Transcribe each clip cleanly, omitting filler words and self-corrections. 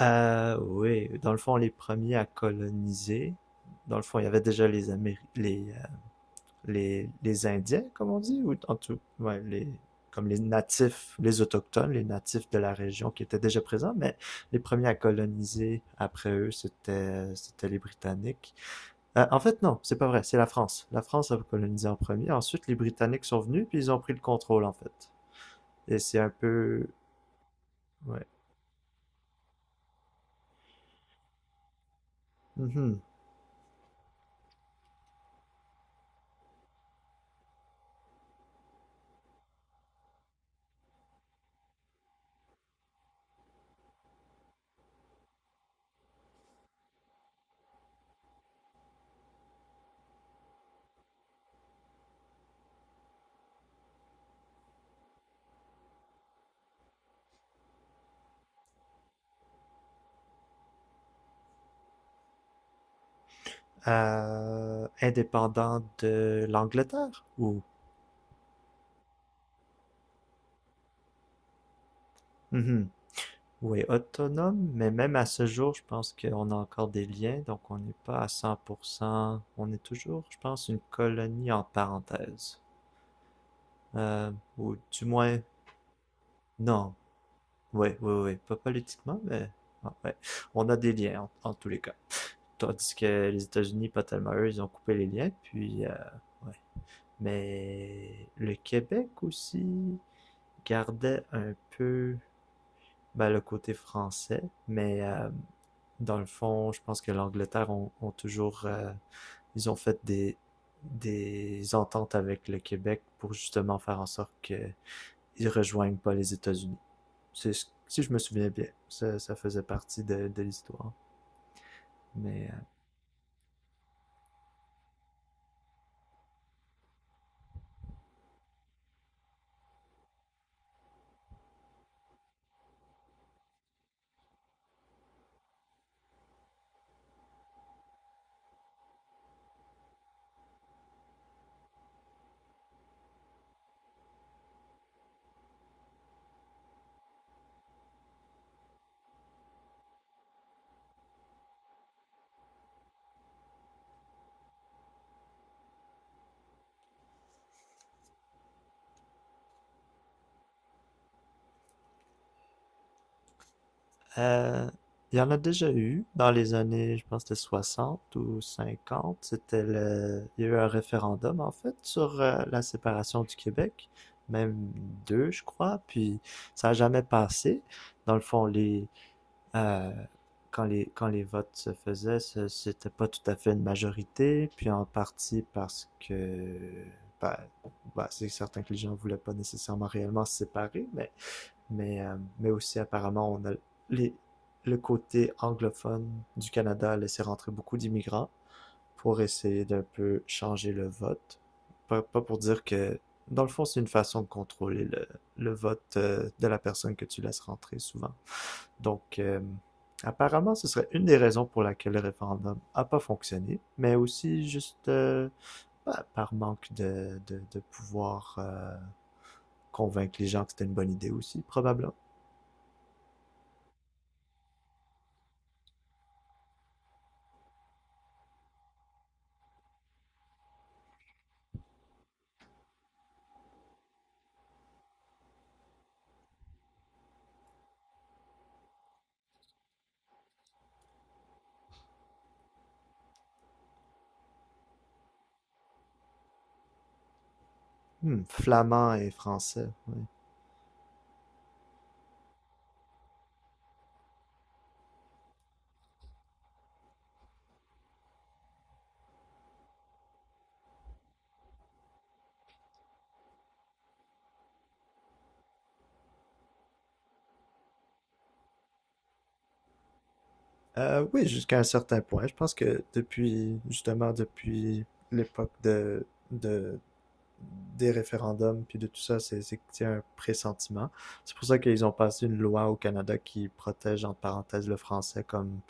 Oui, dans le fond, les premiers à coloniser, dans le fond, il y avait déjà les Indiens, comme on dit, ou en tout, ouais, les, comme les natifs, les autochtones, les natifs de la région qui étaient déjà présents, mais les premiers à coloniser après eux, c'était les Britanniques. En fait, non, c'est pas vrai, c'est la France. La France a colonisé en premier, ensuite les Britanniques sont venus, puis ils ont pris le contrôle, en fait. Et c'est un peu... Ouais. Mhm. Indépendant de l'Angleterre ou, mhm, ou est autonome, mais même à ce jour, je pense qu'on a encore des liens, donc on n'est pas à cent pour cent, on est toujours, je pense, une colonie en parenthèse. Euh, ou du moins, non, oui, oui, oui, pas politiquement, mais ah, ouais, on a des liens en tous les cas. Tandis que les États-Unis, pas tellement eux, ils ont coupé les liens, puis, ouais. Mais le Québec aussi gardait un peu, ben, le côté français, dans le fond, je pense que l'Angleterre ont toujours, ils ont fait des ententes avec le Québec pour justement faire en sorte qu'ils ne rejoignent pas les États-Unis. C'est, si je me souviens bien, ça faisait partie de l'histoire. Mais Euh, il y en a déjà eu dans les années, je pense que c'était 60 ou 50. C'était le... Il y a eu un référendum, en fait, sur la séparation du Québec, même deux, je crois, puis ça n'a jamais passé. Dans le fond, euh, quand les votes se faisaient, c'était pas tout à fait une majorité, puis en partie parce que... ben, ben, c'est certain que les gens voulaient pas nécessairement réellement se séparer, mais mais aussi apparemment, on a les, le côté anglophone du Canada a laissé rentrer beaucoup d'immigrants pour essayer d'un peu changer le vote. Pas pour dire que, dans le fond, c'est une façon de contrôler le vote de la personne que tu laisses rentrer souvent. Donc, apparemment, ce serait une des raisons pour laquelle le référendum n'a pas fonctionné, mais aussi juste par manque de pouvoir convaincre les gens que c'était une bonne idée aussi, probablement. Hmm, flamand et français. Oui. Oui, jusqu'à un certain point. Je pense que depuis, justement, depuis l'époque de, des référendums, puis de tout ça, c'est que c'est un pressentiment. C'est pour ça qu'ils ont passé une loi au Canada qui protège, entre parenthèses, le français comme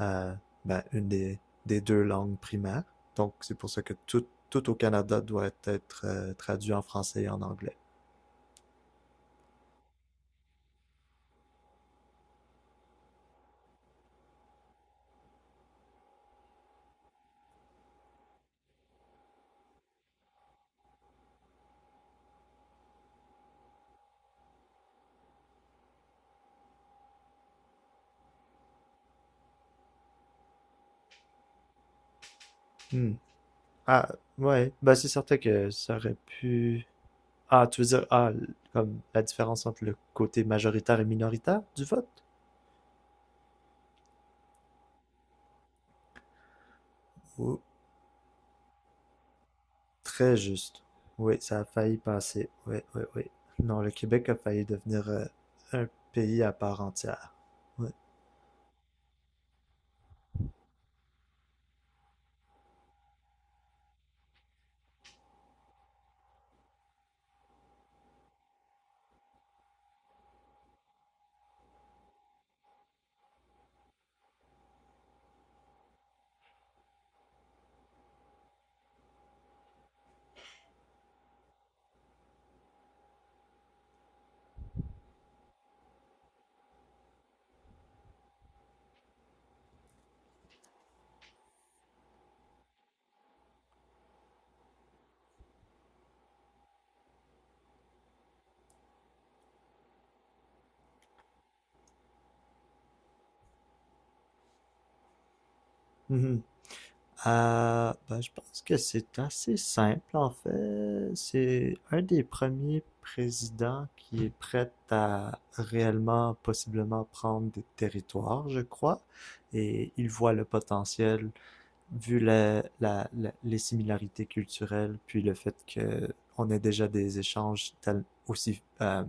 euh, une des deux langues primaires. Donc, c'est pour ça que tout au Canada doit être traduit en français et en anglais. Hmm. Ah, ouais. Ben, c'est certain que ça aurait pu... Ah, tu veux dire, ah, comme la différence entre le côté majoritaire et minoritaire du vote? Oh, très juste. Oui, ça a failli passer. Oui, oui, oui. Non, le Québec a failli devenir un pays à part entière. Oui. Mhm. Ah, ben, je pense que c'est assez simple, en fait. C'est un des premiers présidents qui est prêt à réellement, possiblement prendre des territoires, je crois. Et il voit le potentiel vu les similarités culturelles, puis le fait que on a déjà des échanges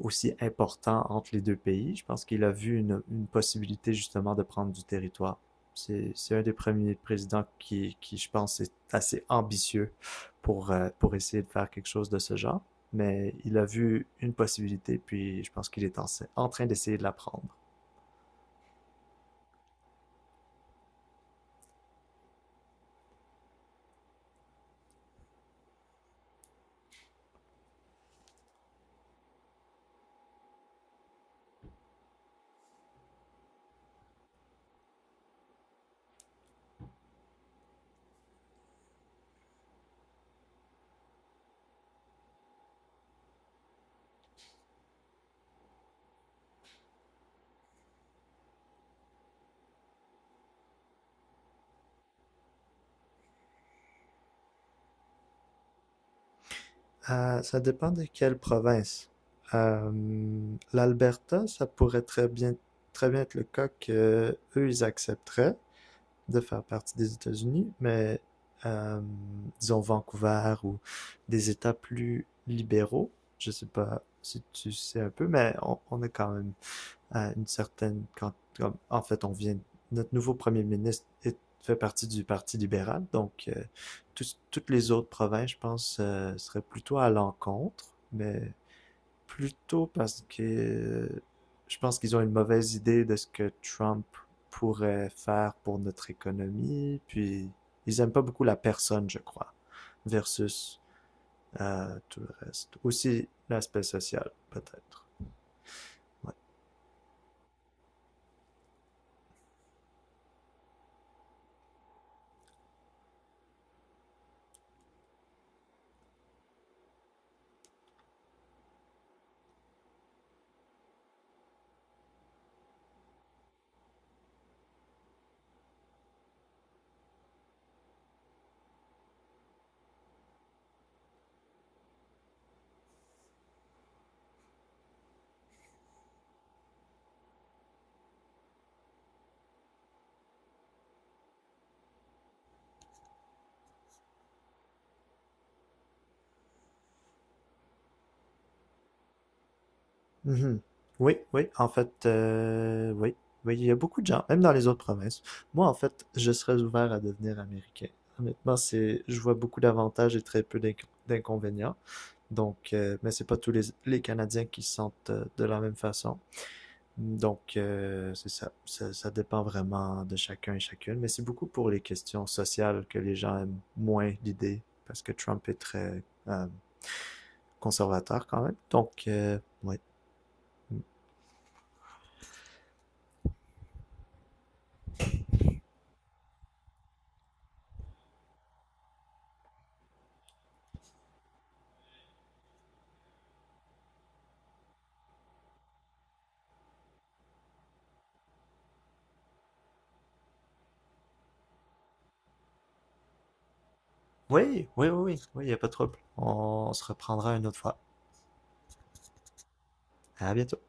aussi importants entre les deux pays, je pense qu'il a vu une possibilité justement de prendre du territoire. C'est un des premiers présidents qui, je pense, est assez ambitieux pour essayer de faire quelque chose de ce genre. Mais il a vu une possibilité, puis je pense qu'il est en train d'essayer de la prendre. Ah, ça dépend de quelle province. L'Alberta, ça pourrait très bien être le cas que eux, ils accepteraient de faire partie des États-Unis, mais euh, disons Vancouver ou des États plus libéraux. Je sais pas si tu sais un peu, mais on est quand même à une certaine quand comme, en fait on vient, notre nouveau premier ministre est, fait partie du Parti libéral, donc toutes les autres provinces, je pense, seraient plutôt à l'encontre, mais plutôt parce que je pense qu'ils ont une mauvaise idée de ce que Trump pourrait faire pour notre économie, puis ils aiment pas beaucoup la personne, je crois, versus tout le reste. Aussi l'aspect social, peut-être. Ouais. Mhm. Oui, oui, en fait, oui, oui, il y a beaucoup de gens, même dans les autres provinces. Moi, en fait, je serais ouvert à devenir américain. Honnêtement, c'est, je vois beaucoup d'avantages et très peu d'inconvénients. Donc, mais c'est pas tous les Canadiens qui se sentent de la même façon. Donc, c'est ça. Ça dépend vraiment de chacun et chacune. Mais c'est beaucoup pour les questions sociales que les gens aiment moins l'idée, parce que Trump est très euh, conservateur quand même. Donc, oui. Oui, il n'y a pas de trouble. On se reprendra une autre fois. À bientôt.